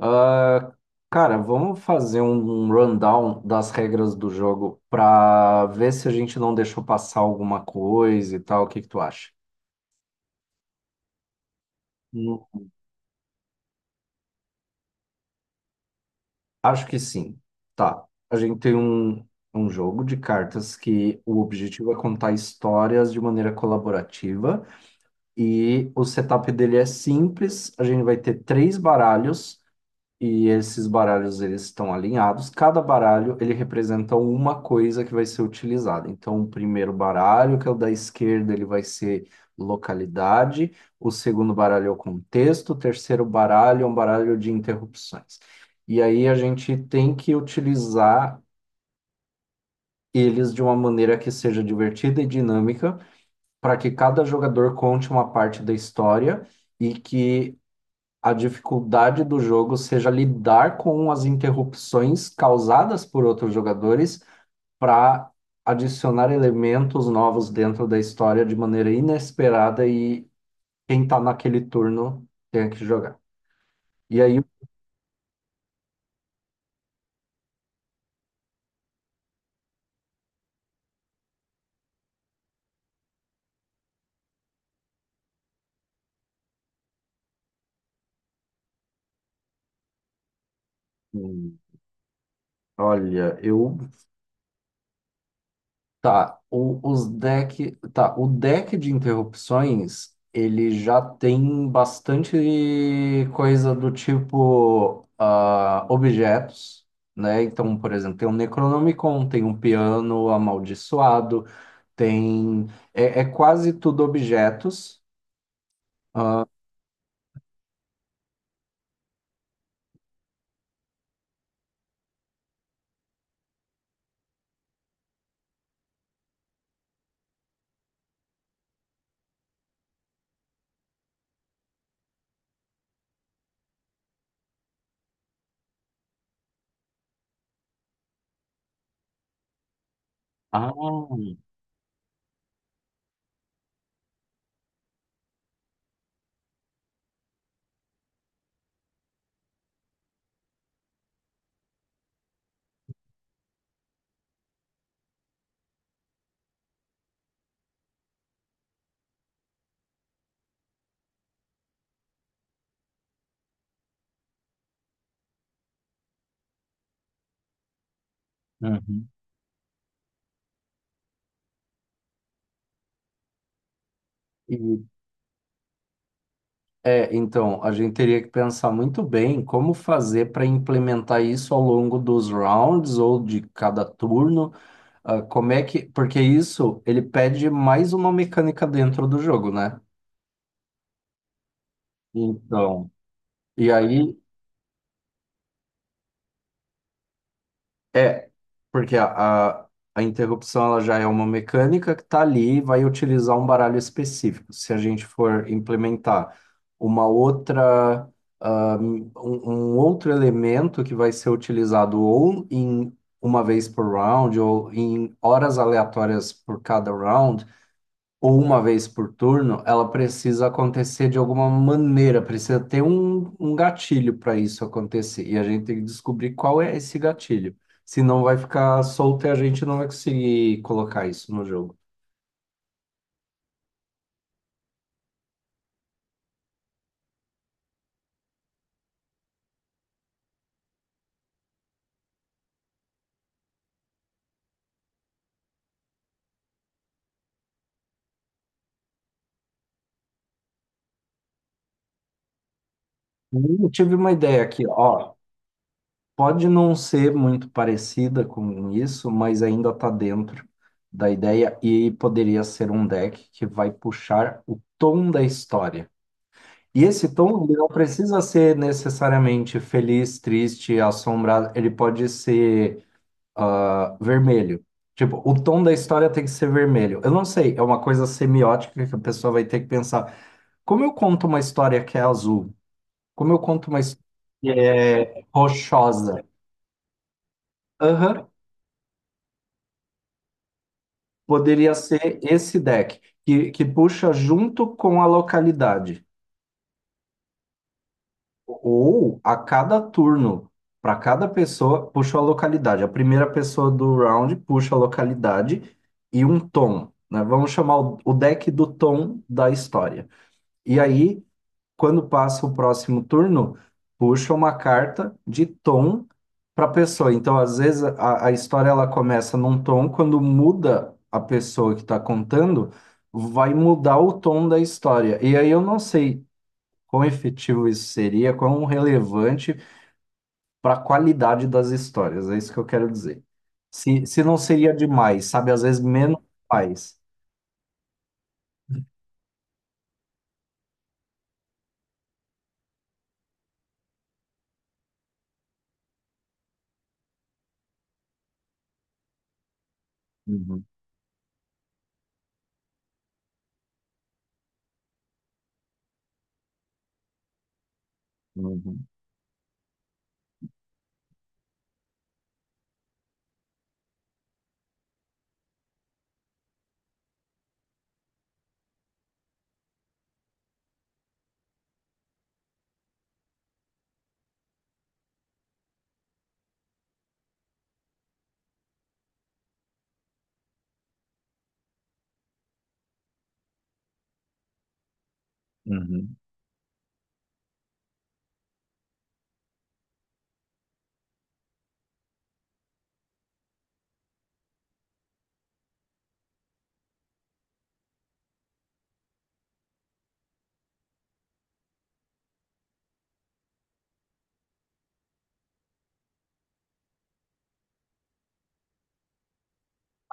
Ah, cara, vamos fazer um rundown das regras do jogo para ver se a gente não deixou passar alguma coisa e tal. O que que tu acha? Hum. Acho que sim. Tá. A gente tem um jogo de cartas que o objetivo é contar histórias de maneira colaborativa, e o setup dele é simples. A gente vai ter 3 baralhos. E esses baralhos eles estão alinhados. Cada baralho ele representa uma coisa que vai ser utilizada. Então, o primeiro baralho, que é o da esquerda, ele vai ser localidade. O segundo baralho é o contexto. O terceiro baralho é um baralho de interrupções. E aí a gente tem que utilizar eles de uma maneira que seja divertida e dinâmica, para que cada jogador conte uma parte da história e que a dificuldade do jogo seja lidar com as interrupções causadas por outros jogadores para adicionar elementos novos dentro da história de maneira inesperada, e quem está naquele turno tem que jogar. E aí, hum, olha, eu tá, o deck de interrupções, ele já tem bastante coisa do tipo objetos, né? Então, por exemplo, tem um Necronomicon, tem um piano amaldiçoado, tem... é quase tudo objetos. Ah, uhum. E, então, a gente teria que pensar muito bem como fazer para implementar isso ao longo dos rounds ou de cada turno. Ah, como é que. Porque isso, ele pede mais uma mecânica dentro do jogo, né? Então. E aí, é. Porque a interrupção ela já é uma mecânica que tá ali e vai utilizar um baralho específico. Se a gente for implementar uma outra, um outro elemento que vai ser utilizado ou em uma vez por round, ou em horas aleatórias por cada round, ou uma vez por turno, ela precisa acontecer de alguma maneira, precisa ter um gatilho para isso acontecer. E a gente tem que descobrir qual é esse gatilho. Senão vai ficar solto e a gente não vai conseguir colocar isso no jogo. Eu tive uma ideia aqui, ó. Pode não ser muito parecida com isso, mas ainda está dentro da ideia, e poderia ser um deck que vai puxar o tom da história. E esse tom, ele não precisa ser necessariamente feliz, triste, assombrado, ele pode ser vermelho. Tipo, o tom da história tem que ser vermelho. Eu não sei, é uma coisa semiótica que a pessoa vai ter que pensar. Como eu conto uma história que é azul? Como eu conto uma história que é rochosa? Aham, poderia ser esse deck, que puxa junto com a localidade. Ou a cada turno, para cada pessoa, puxa a localidade. A primeira pessoa do round puxa a localidade e um tom, né? Vamos chamar o deck do tom da história. E aí, quando passa o próximo turno, puxa uma carta de tom para a pessoa. Então, às vezes, a história ela começa num tom, quando muda a pessoa que está contando, vai mudar o tom da história. E aí eu não sei quão efetivo isso seria, quão relevante para a qualidade das histórias, é isso que eu quero dizer. Se não seria demais, sabe? Às vezes menos mais. Uhum, uhum, uhum.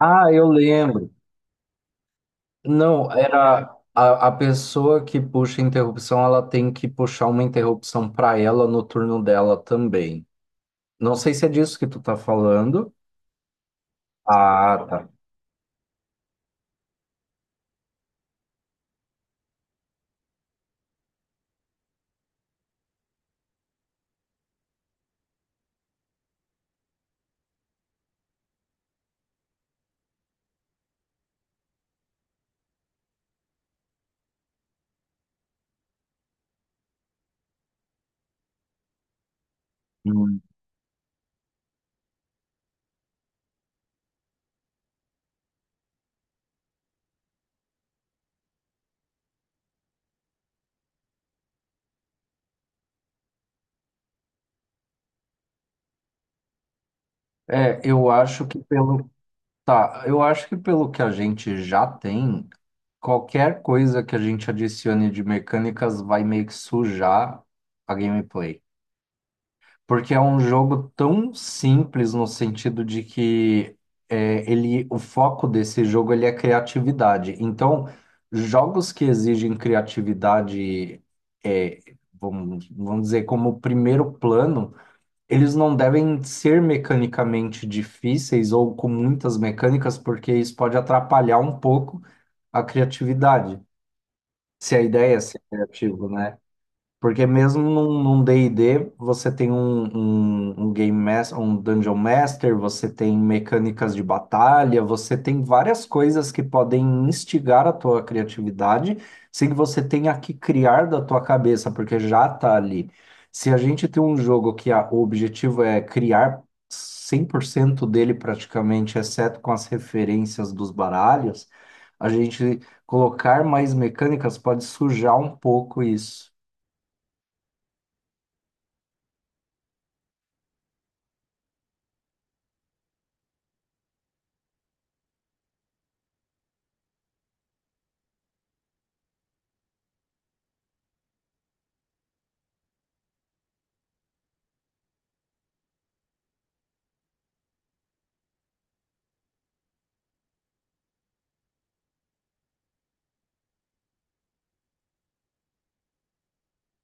Ah, eu lembro. Não, era a pessoa que puxa a interrupção, ela tem que puxar uma interrupção para ela no turno dela também. Não sei se é disso que tu tá falando. Ah, tá. Hum, É, eu acho que pelo Tá, eu acho que pelo que a gente já tem, qualquer coisa que a gente adicione de mecânicas vai meio que sujar a gameplay. Porque é um jogo tão simples no sentido de que o foco desse jogo ele é criatividade. Então, jogos que exigem criatividade, é, vamos dizer, como primeiro plano. Eles não devem ser mecanicamente difíceis ou com muitas mecânicas, porque isso pode atrapalhar um pouco a criatividade. Se a ideia é ser criativo, né? Porque mesmo num D&D, você tem um Game Master, um Dungeon Master, você tem mecânicas de batalha, você tem várias coisas que podem instigar a tua criatividade, sem que você tenha que criar da tua cabeça, porque já tá ali. Se a gente tem um jogo que o objetivo é criar 100% dele praticamente, exceto com as referências dos baralhos, a gente colocar mais mecânicas pode sujar um pouco isso.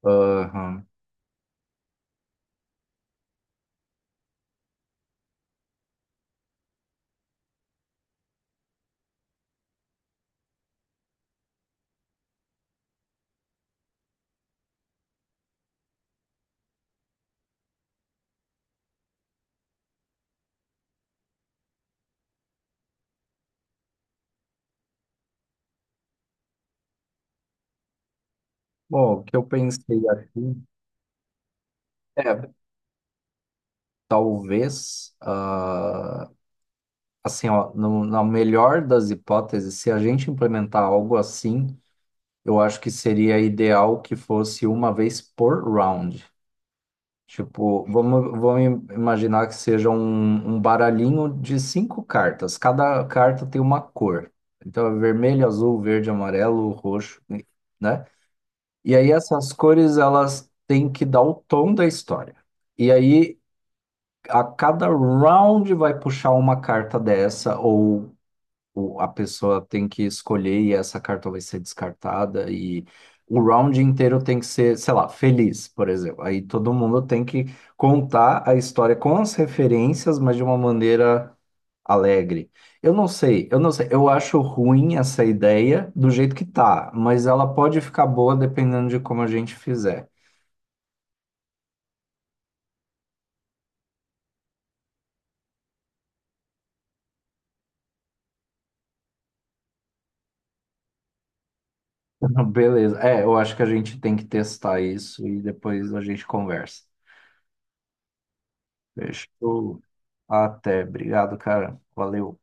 Aham. Bom, o que eu pensei aqui é, talvez, assim, ó, na melhor das hipóteses, se a gente implementar algo assim, eu acho que seria ideal que fosse uma vez por round. Tipo, vamos imaginar que seja um baralhinho de 5 cartas. Cada carta tem uma cor. Então, é vermelho, azul, verde, amarelo, roxo, né? E aí essas cores elas têm que dar o tom da história. E aí a cada round vai puxar uma carta dessa, ou a pessoa tem que escolher e essa carta vai ser descartada, e o round inteiro tem que ser, sei lá, feliz, por exemplo. Aí todo mundo tem que contar a história com as referências, mas de uma maneira alegre. Eu não sei, eu não sei. Eu acho ruim essa ideia do jeito que tá, mas ela pode ficar boa dependendo de como a gente fizer. Não, beleza. É, eu acho que a gente tem que testar isso e depois a gente conversa. Fechou. Até. Obrigado, cara. Valeu.